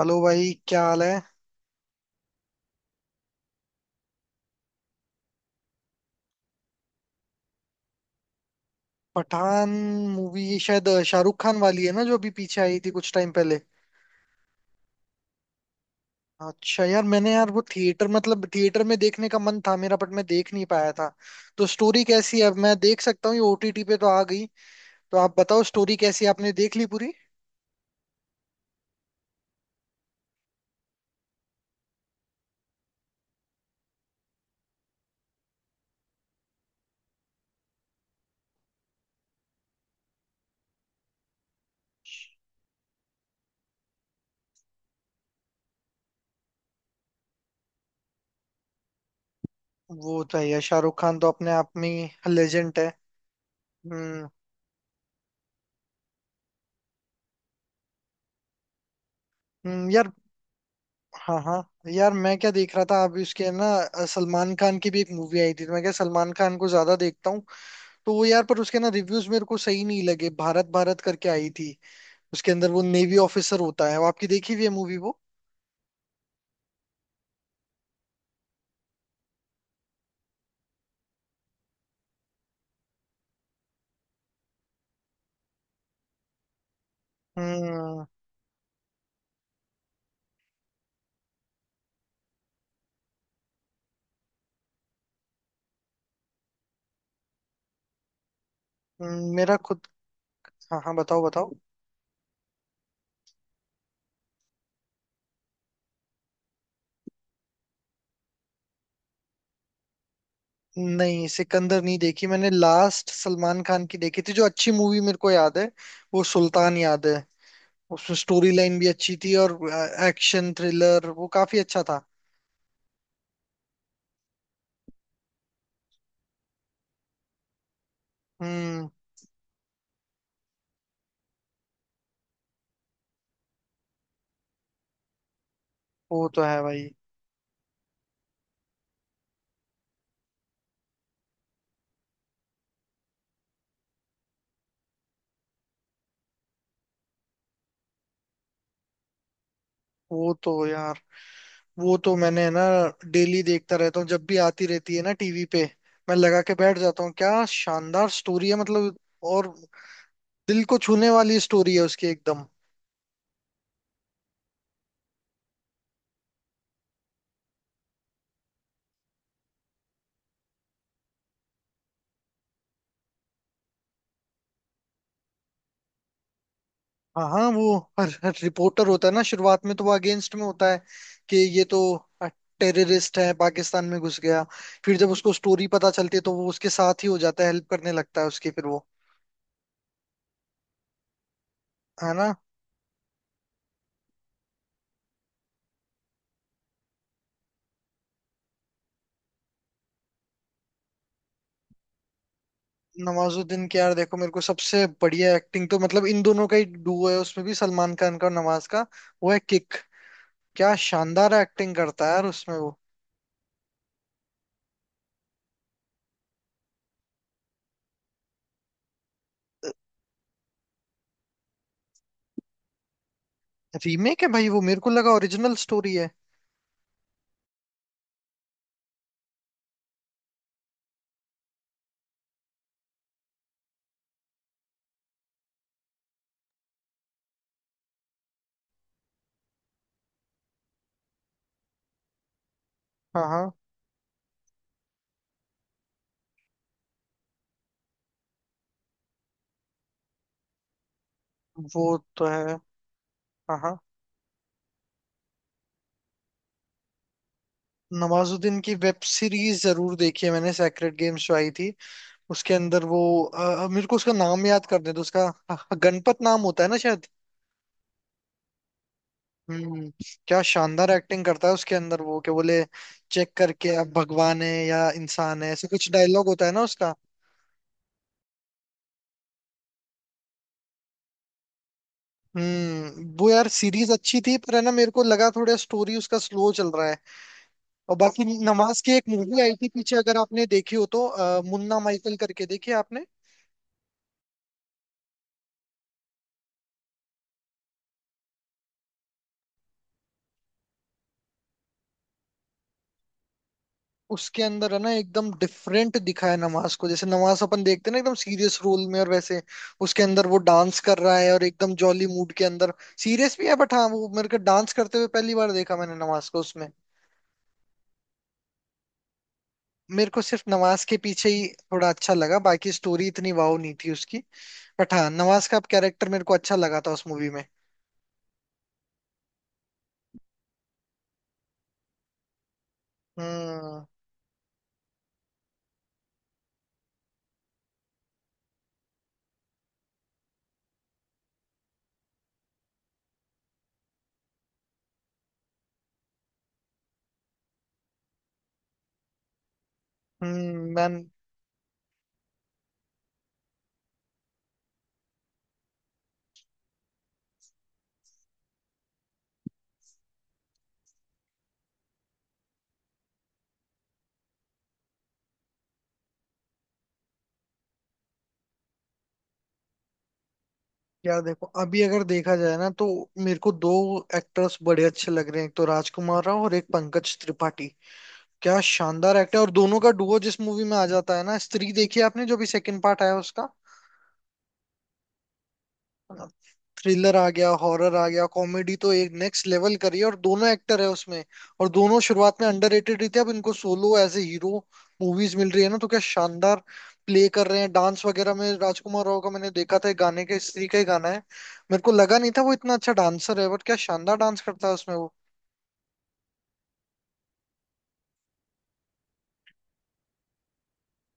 Hello भाई, क्या हाल है। पठान मूवी ये शायद शाहरुख खान वाली है ना जो अभी पीछे आई थी कुछ टाइम पहले। अच्छा यार, मैंने यार वो थिएटर मतलब थिएटर में देखने का मन था मेरा, बट मैं देख नहीं पाया था। तो स्टोरी कैसी है? मैं देख सकता हूँ, ये ओटीटी पे तो आ गई। तो आप बताओ स्टोरी कैसी है? आपने देख ली पूरी। वो तो है यार, शाहरुख खान तो अपने आप में लेजेंड है। हम्म। यार। हाँ हाँ यार, मैं क्या देख रहा था अभी उसके ना सलमान खान की भी एक मूवी आई थी, तो मैं क्या सलमान खान को ज्यादा देखता हूँ। तो वो यार, पर उसके ना रिव्यूज मेरे को सही नहीं लगे। भारत भारत करके आई थी। उसके अंदर वो नेवी ऑफिसर होता है वो, आपकी देखी हुई है मूवी वो? हम्म। मेरा खुद। हाँ हाँ, बताओ बताओ। नहीं, सिकंदर नहीं देखी मैंने। लास्ट सलमान खान की देखी थी जो अच्छी मूवी, मेरे को याद है। वो सुल्तान याद है। उसमें स्टोरी लाइन भी अच्छी थी, और एक्शन थ्रिलर वो काफी अच्छा था। हम्म। वो तो है भाई। वो तो यार, वो तो मैंने है ना डेली देखता रहता हूँ, जब भी आती रहती है ना टीवी पे। मैं लगा के बैठ जाता हूँ। क्या शानदार स्टोरी है मतलब। और दिल को छूने वाली स्टोरी है उसकी, एकदम। हाँ हाँ, वो हर रिपोर्टर होता है ना, शुरुआत में तो वो अगेंस्ट में होता है कि ये तो टेररिस्ट है, पाकिस्तान में घुस गया। फिर जब उसको स्टोरी पता चलती है तो वो उसके साथ ही हो जाता है, हेल्प करने लगता है उसकी, फिर वो, है ना। नवाजुद्दीन के यार देखो, मेरे को सबसे बढ़िया एक्टिंग तो मतलब इन दोनों का ही डुओ है उसमें भी, सलमान खान का और नवाज का। वो है किक। क्या शानदार एक्टिंग करता है यार उसमें वो। रीमेक है भाई वो? मेरे को लगा ओरिजिनल स्टोरी है। हाँ हाँ, वो तो है। हाँ हाँ, नवाजुद्दीन की वेब सीरीज जरूर देखी है मैंने, सेक्रेड गेम्स जो आई थी। उसके अंदर वो मेरे को उसका नाम याद कर दे तो उसका अ, गणपत नाम होता है ना शायद। हम्म। क्या शानदार एक्टिंग करता है उसके अंदर वो, कि बोले चेक करके अब भगवान है या इंसान है, ऐसे कुछ डायलॉग होता है ना उसका। वो यार सीरीज अच्छी थी, पर है ना मेरे को लगा थोड़ा स्टोरी उसका स्लो चल रहा है। और बाकी नमाज की एक मूवी आई थी पीछे, अगर आपने देखी हो तो, मुन्ना माइकल करके, देखी है आपने? उसके अंदर है ना एकदम डिफरेंट दिखाया है नमाज को, जैसे नमाज अपन देखते हैं ना एकदम सीरियस रोल में, और वैसे उसके अंदर वो डांस कर रहा है और एकदम जॉली मूड के अंदर। सीरियस भी है, बट हाँ वो मेरे को डांस करते हुए पहली बार देखा मैंने नमाज को उसमें। मेरे को सिर्फ नमाज के पीछे ही थोड़ा अच्छा लगा, बाकी स्टोरी इतनी वाव नहीं थी उसकी। बट हाँ, नमाज का कैरेक्टर मेरे को अच्छा लगा था उस मूवी में। हम्म। मैम। यार देखो, अभी अगर देखा जाए ना तो मेरे को दो एक्टर्स बड़े अच्छे लग रहे हैं, एक तो राजकुमार राव और एक पंकज त्रिपाठी। क्या शानदार एक्ट है और दोनों का डुओ जिस मूवी में आ जाता है ना। स्त्री देखी है आपने, जो भी सेकंड पार्ट आया उसका? थ्रिलर आ गया, हॉरर आ गया, कॉमेडी तो एक नेक्स्ट लेवल करी है, और दोनों एक्टर है उसमें। और दोनों शुरुआत में अंडररेटेड ही थे, अब इनको solo as a hero movies मिल रही है ना, तो क्या शानदार प्ले कर रहे हैं। डांस वगैरह में राजकुमार राव का मैंने देखा था एक गाने के, स्त्री का ही गाना है। मेरे को लगा नहीं था वो इतना अच्छा डांसर है, बट क्या शानदार डांस करता है उसमें वो।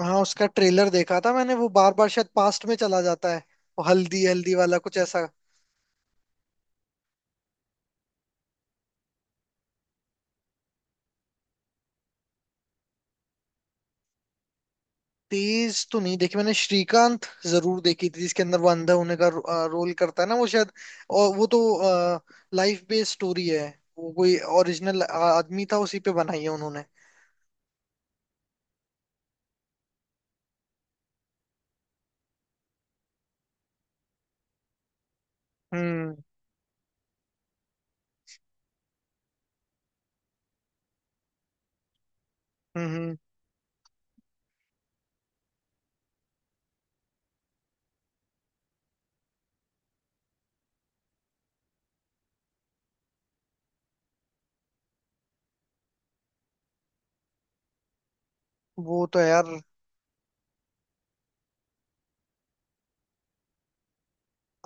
हाँ, उसका ट्रेलर देखा था मैंने, वो बार बार शायद पास्ट में चला जाता है। वो हल्दी हल्दी वाला कुछ ऐसा। तेज तो नहीं देखी मैंने, श्रीकांत जरूर देखी थी जिसके अंदर वो अंधा होने का रोल करता है ना वो शायद। और वो तो लाइफ बेस्ड स्टोरी है। वो कोई ओरिजिनल आदमी था, उसी पे बनाई है उन्होंने। हम्म। हम्म। वो तो है यार।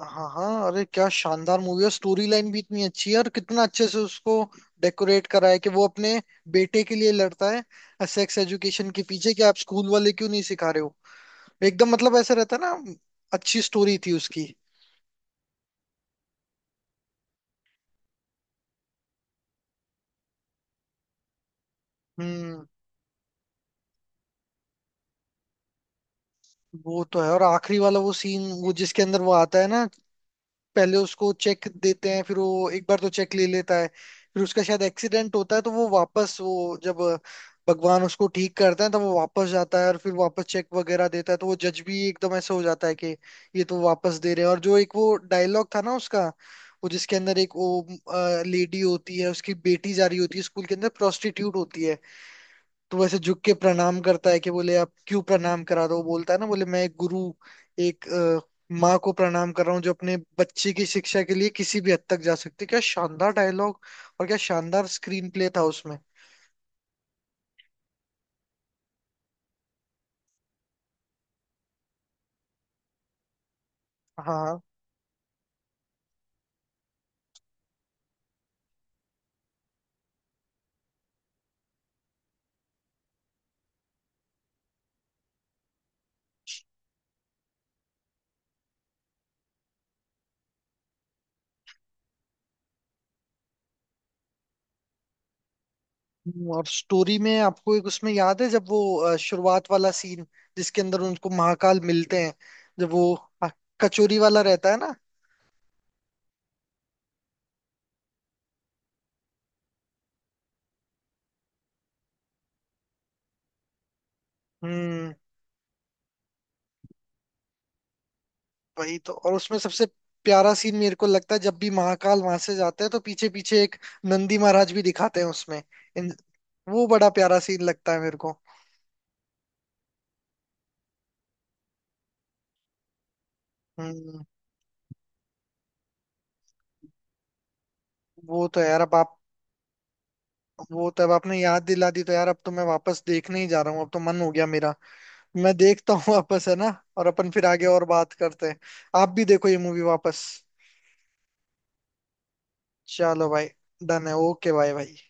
हाँ हाँ, अरे क्या शानदार मूवी है, स्टोरी लाइन भी इतनी अच्छी है, और कितना अच्छे से उसको डेकोरेट करा है कि वो अपने बेटे के लिए लड़ता है सेक्स एजुकेशन के पीछे, कि आप स्कूल वाले क्यों नहीं सिखा रहे हो। एकदम मतलब ऐसा रहता है ना। अच्छी स्टोरी थी उसकी। हम्म वो तो है, और आखिरी वाला वो सीन, वो जिसके अंदर वो आता है ना, पहले उसको चेक देते हैं, फिर वो एक बार तो चेक ले लेता है, फिर उसका शायद एक्सीडेंट होता है तो वो वापस, वो जब भगवान उसको ठीक करते हैं तब वो वापस जाता है और फिर वापस चेक वगैरह देता है, तो वो जज भी एकदम ऐसे हो जाता है कि ये तो वापस दे रहे हैं। और जो एक वो डायलॉग था ना उसका, वो जिसके अंदर एक वो लेडी होती है, उसकी बेटी जा रही होती है स्कूल के अंदर, प्रोस्टिट्यूट होती है। तो वैसे झुक के प्रणाम करता है, कि बोले आप क्यों प्रणाम करा रहे हो, बोलता है ना, बोले मैं एक गुरु, एक माँ को प्रणाम कर रहा हूँ, जो अपने बच्चे की शिक्षा के लिए किसी भी हद तक जा सकती है। क्या शानदार डायलॉग, और क्या शानदार स्क्रीन प्ले था उसमें। हाँ। और स्टोरी में आपको एक उसमें याद है, जब वो शुरुआत वाला सीन जिसके अंदर उनको महाकाल मिलते हैं, जब वो अ, कचोरी वाला रहता है ना। हम्म। वही तो, और उसमें सबसे प्यारा सीन मेरे को लगता है, जब भी महाकाल वहां से जाते हैं तो पीछे पीछे एक नंदी महाराज भी दिखाते हैं उसमें। इन, वो बड़ा प्यारा सीन लगता है मेरे को। हम्म वो तो यार अब आप, वो तो अब आपने याद दिला दी तो यार, अब तो मैं वापस देखने ही जा रहा हूँ, अब तो मन हो गया मेरा। मैं देखता हूँ वापस, है ना। और अपन फिर आगे और बात करते हैं। आप भी देखो ये मूवी वापस। चलो भाई। डन है, ओके बाय भाई।